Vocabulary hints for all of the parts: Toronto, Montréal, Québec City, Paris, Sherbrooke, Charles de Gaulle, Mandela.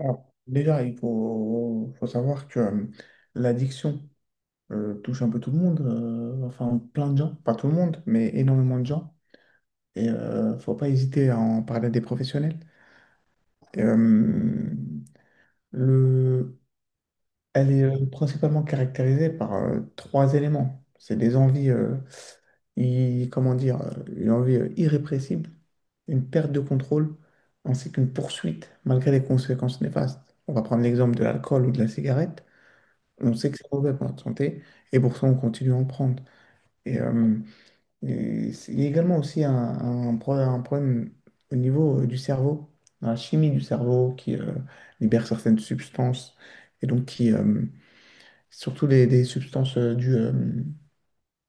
Alors, déjà, il faut savoir que l'addiction touche un peu tout le monde, enfin plein de gens, pas tout le monde, mais énormément de gens. Et faut pas hésiter à en parler à des professionnels. euh, le, Elle est principalement caractérisée par trois éléments. C'est des envies, comment dire, une envie irrépressible, une perte de contrôle, ainsi qu'une poursuite malgré les conséquences néfastes. On va prendre l'exemple de l'alcool ou de la cigarette. On sait que c'est mauvais pour notre santé et pour ça, on continue à en prendre. Et, euh, et il y a également aussi un problème au niveau du cerveau, dans la chimie du cerveau qui libère certaines substances et donc qui, surtout des substances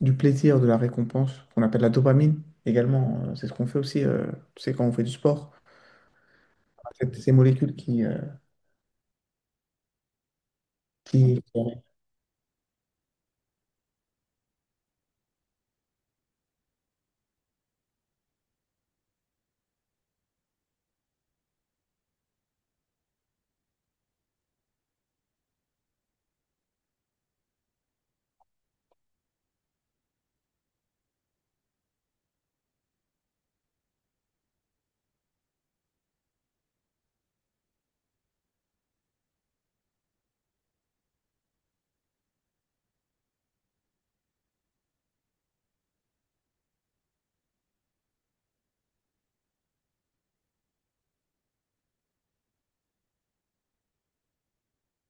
du plaisir, de la récompense, qu'on appelle la dopamine également. C'est ce qu'on fait aussi, tu sais, quand on fait du sport. Ces molécules qui- qui-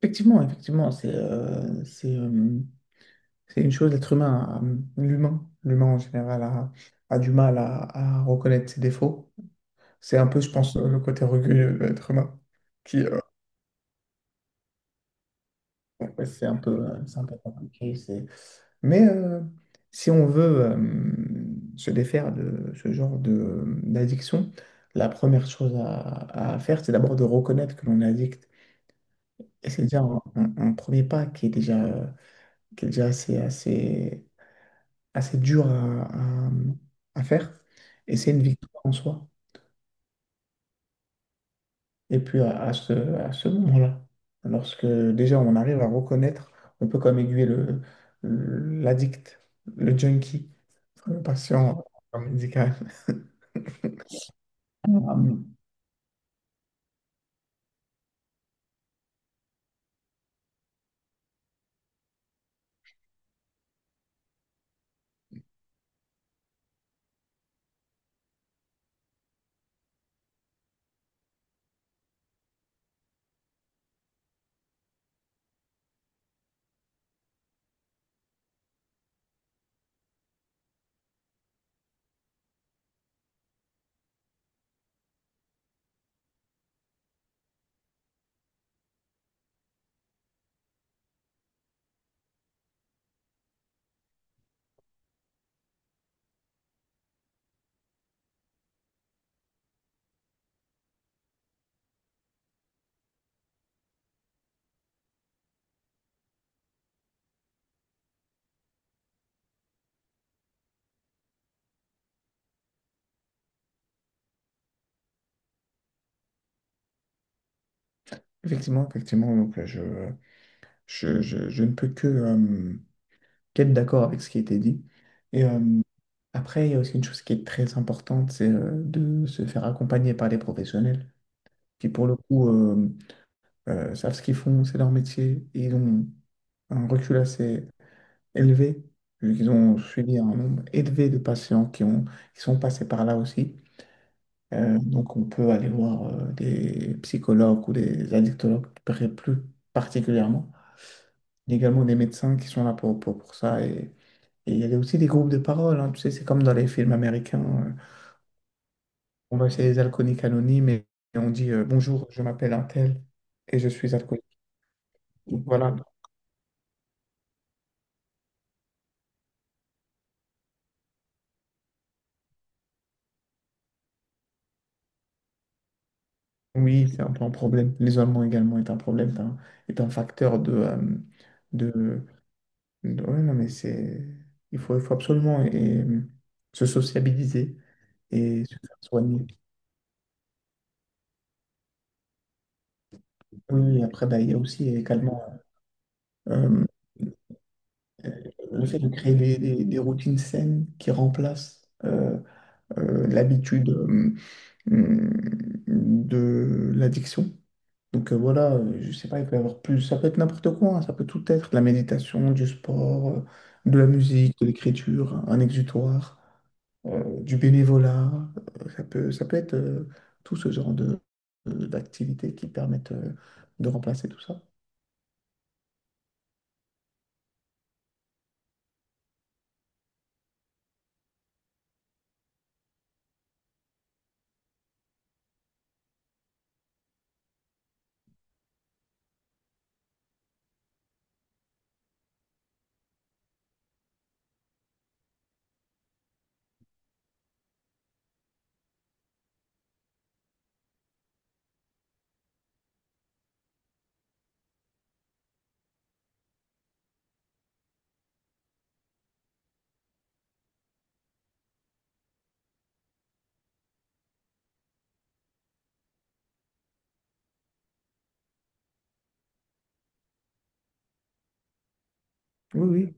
Effectivement, effectivement. C'est une chose, l'humain, l'humain en général a du mal à reconnaître ses défauts. C'est un peu, je pense, le côté orgueilleux de l'être humain qui, euh, en fait, c'est un peu compliqué. Mais si on veut se défaire de ce genre de, d'addiction, la première chose à faire, c'est d'abord de reconnaître que l'on est addict. Et c'est déjà un premier pas qui est déjà, qui est déjà assez dur à faire. Et c'est une victoire en soi. Et puis à ce moment-là, lorsque déjà on arrive à reconnaître, on peut comme aiguiller le, l'addict, le junkie, le patient médical. Euh, Effectivement, effectivement, donc je ne peux que qu'être d'accord avec ce qui a été dit. Et euh, Après, il y a aussi une chose qui est très importante, c'est de se faire accompagner par des professionnels qui, pour le coup, savent ce qu'ils font, c'est leur métier, et ils ont un recul assez élevé, vu qu'ils ont suivi un nombre élevé de patients qui ont, qui sont passés par là aussi. Donc on peut aller voir des psychologues ou des addictologues plus particulièrement, mais également des médecins qui sont là pour ça. Et il y a aussi des groupes de parole, hein, tu sais, c'est comme dans les films américains. On va chez les alcooliques anonymes et on dit bonjour, je m'appelle un tel et je suis alcoolique. Voilà. Oui, c'est un peu un problème. L'isolement également est un problème, est un facteur de, de, ouais, non, mais c'est, il faut absolument et se sociabiliser et se faire soigner. Oui, oui, après, bah, il y a aussi également euh, euh, le fait de créer des, des routines saines qui remplacent l'habitude hum, de l'addiction. Donc voilà, je sais pas, il peut y avoir plus, ça peut être n'importe quoi, hein, ça peut tout être, de la méditation, du sport, de la musique, de l'écriture, un exutoire, du bénévolat, ça peut être tout ce genre de, d'activités qui permettent de remplacer tout ça. Oui, oui.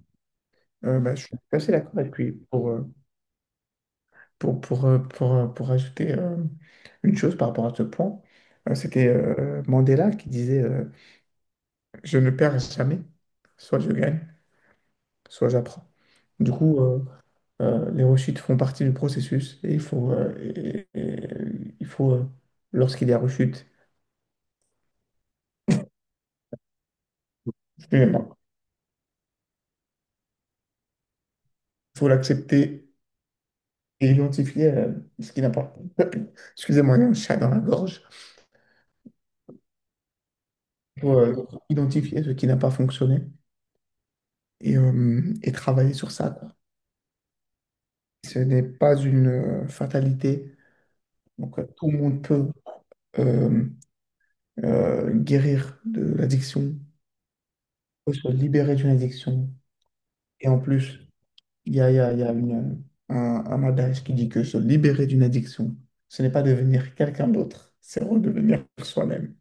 Bah, je suis assez d'accord. Et puis, pour ajouter une chose par rapport à ce point, c'était Mandela qui disait je ne perds jamais, soit je gagne, soit j'apprends. Du coup, les rechutes font partie du processus et il faut, il faut, lorsqu'il y a rechute, excusez-moi, il faut l'accepter et identifier ce qui n'a pas. Excusez-moi, il y a un chat dans la gorge. Il faut identifier ce qui n'a pas fonctionné et travailler sur ça, quoi. Ce n'est pas une fatalité. Donc, tout le monde peut euh, guérir de l'addiction, peut se libérer d'une addiction. Et en plus, il y a, il y a- il y a une, un adage qui dit que se libérer d'une addiction, ce n'est pas devenir quelqu'un d'autre, c'est redevenir soi-même.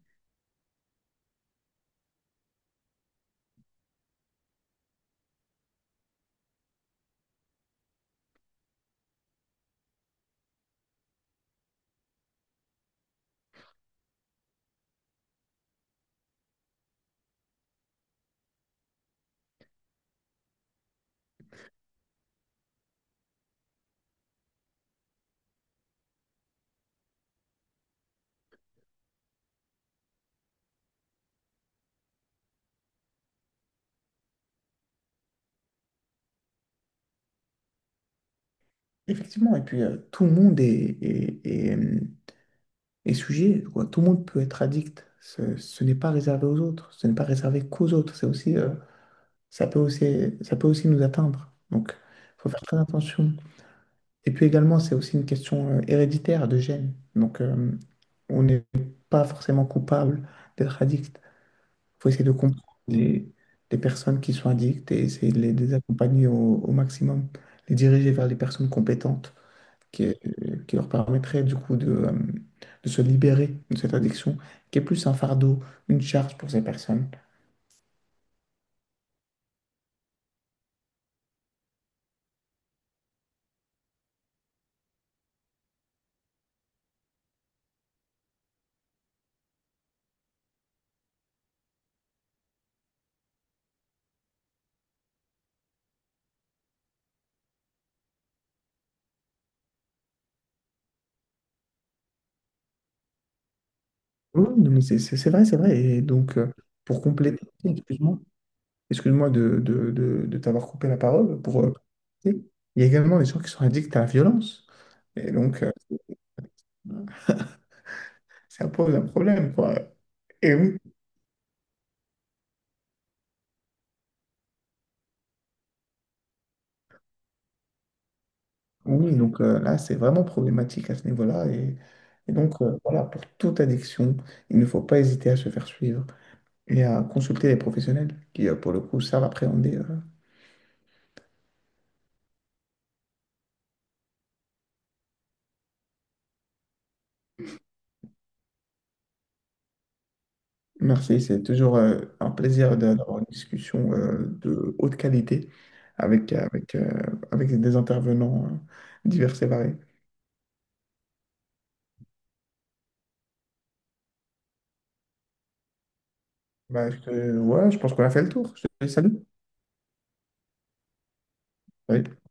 Effectivement, et puis tout le monde est sujet, quoi. Tout le monde peut être addict. Ce n'est pas réservé aux autres, ce n'est pas réservé qu'aux autres. C'est aussi ça peut aussi, ça peut aussi nous atteindre. Donc, il faut faire très attention. Et puis également, c'est aussi une question héréditaire de gènes. Donc, on n'est pas forcément coupable d'être addict. Il faut essayer de comprendre les personnes qui sont addictes et essayer de les accompagner au, au maximum, les diriger vers les personnes compétentes qui, euh, qui leur permettraient du coup de de se libérer de cette addiction, qui est plus un fardeau, une charge pour ces personnes. Oui, oui, non, mais c'est vrai, c'est vrai. Et donc, pour compléter, excuse-moi, excuse-moi de t'avoir coupé la parole, pour, il y a également des gens qui sont addicts à la violence. Et donc, ça pose un problème, quoi. Et oui, oui, donc là, c'est vraiment problématique à ce niveau-là. Et donc, voilà, pour toute addiction, il ne faut pas hésiter à se faire suivre et à consulter les professionnels qui, pour le coup, savent appréhender. Merci, c'est toujours un plaisir d'avoir une discussion de haute qualité avec, avec, euh, avec des intervenants divers et variés. Bah, voilà, je pense qu'on a fait le tour. Je te salue. Salut.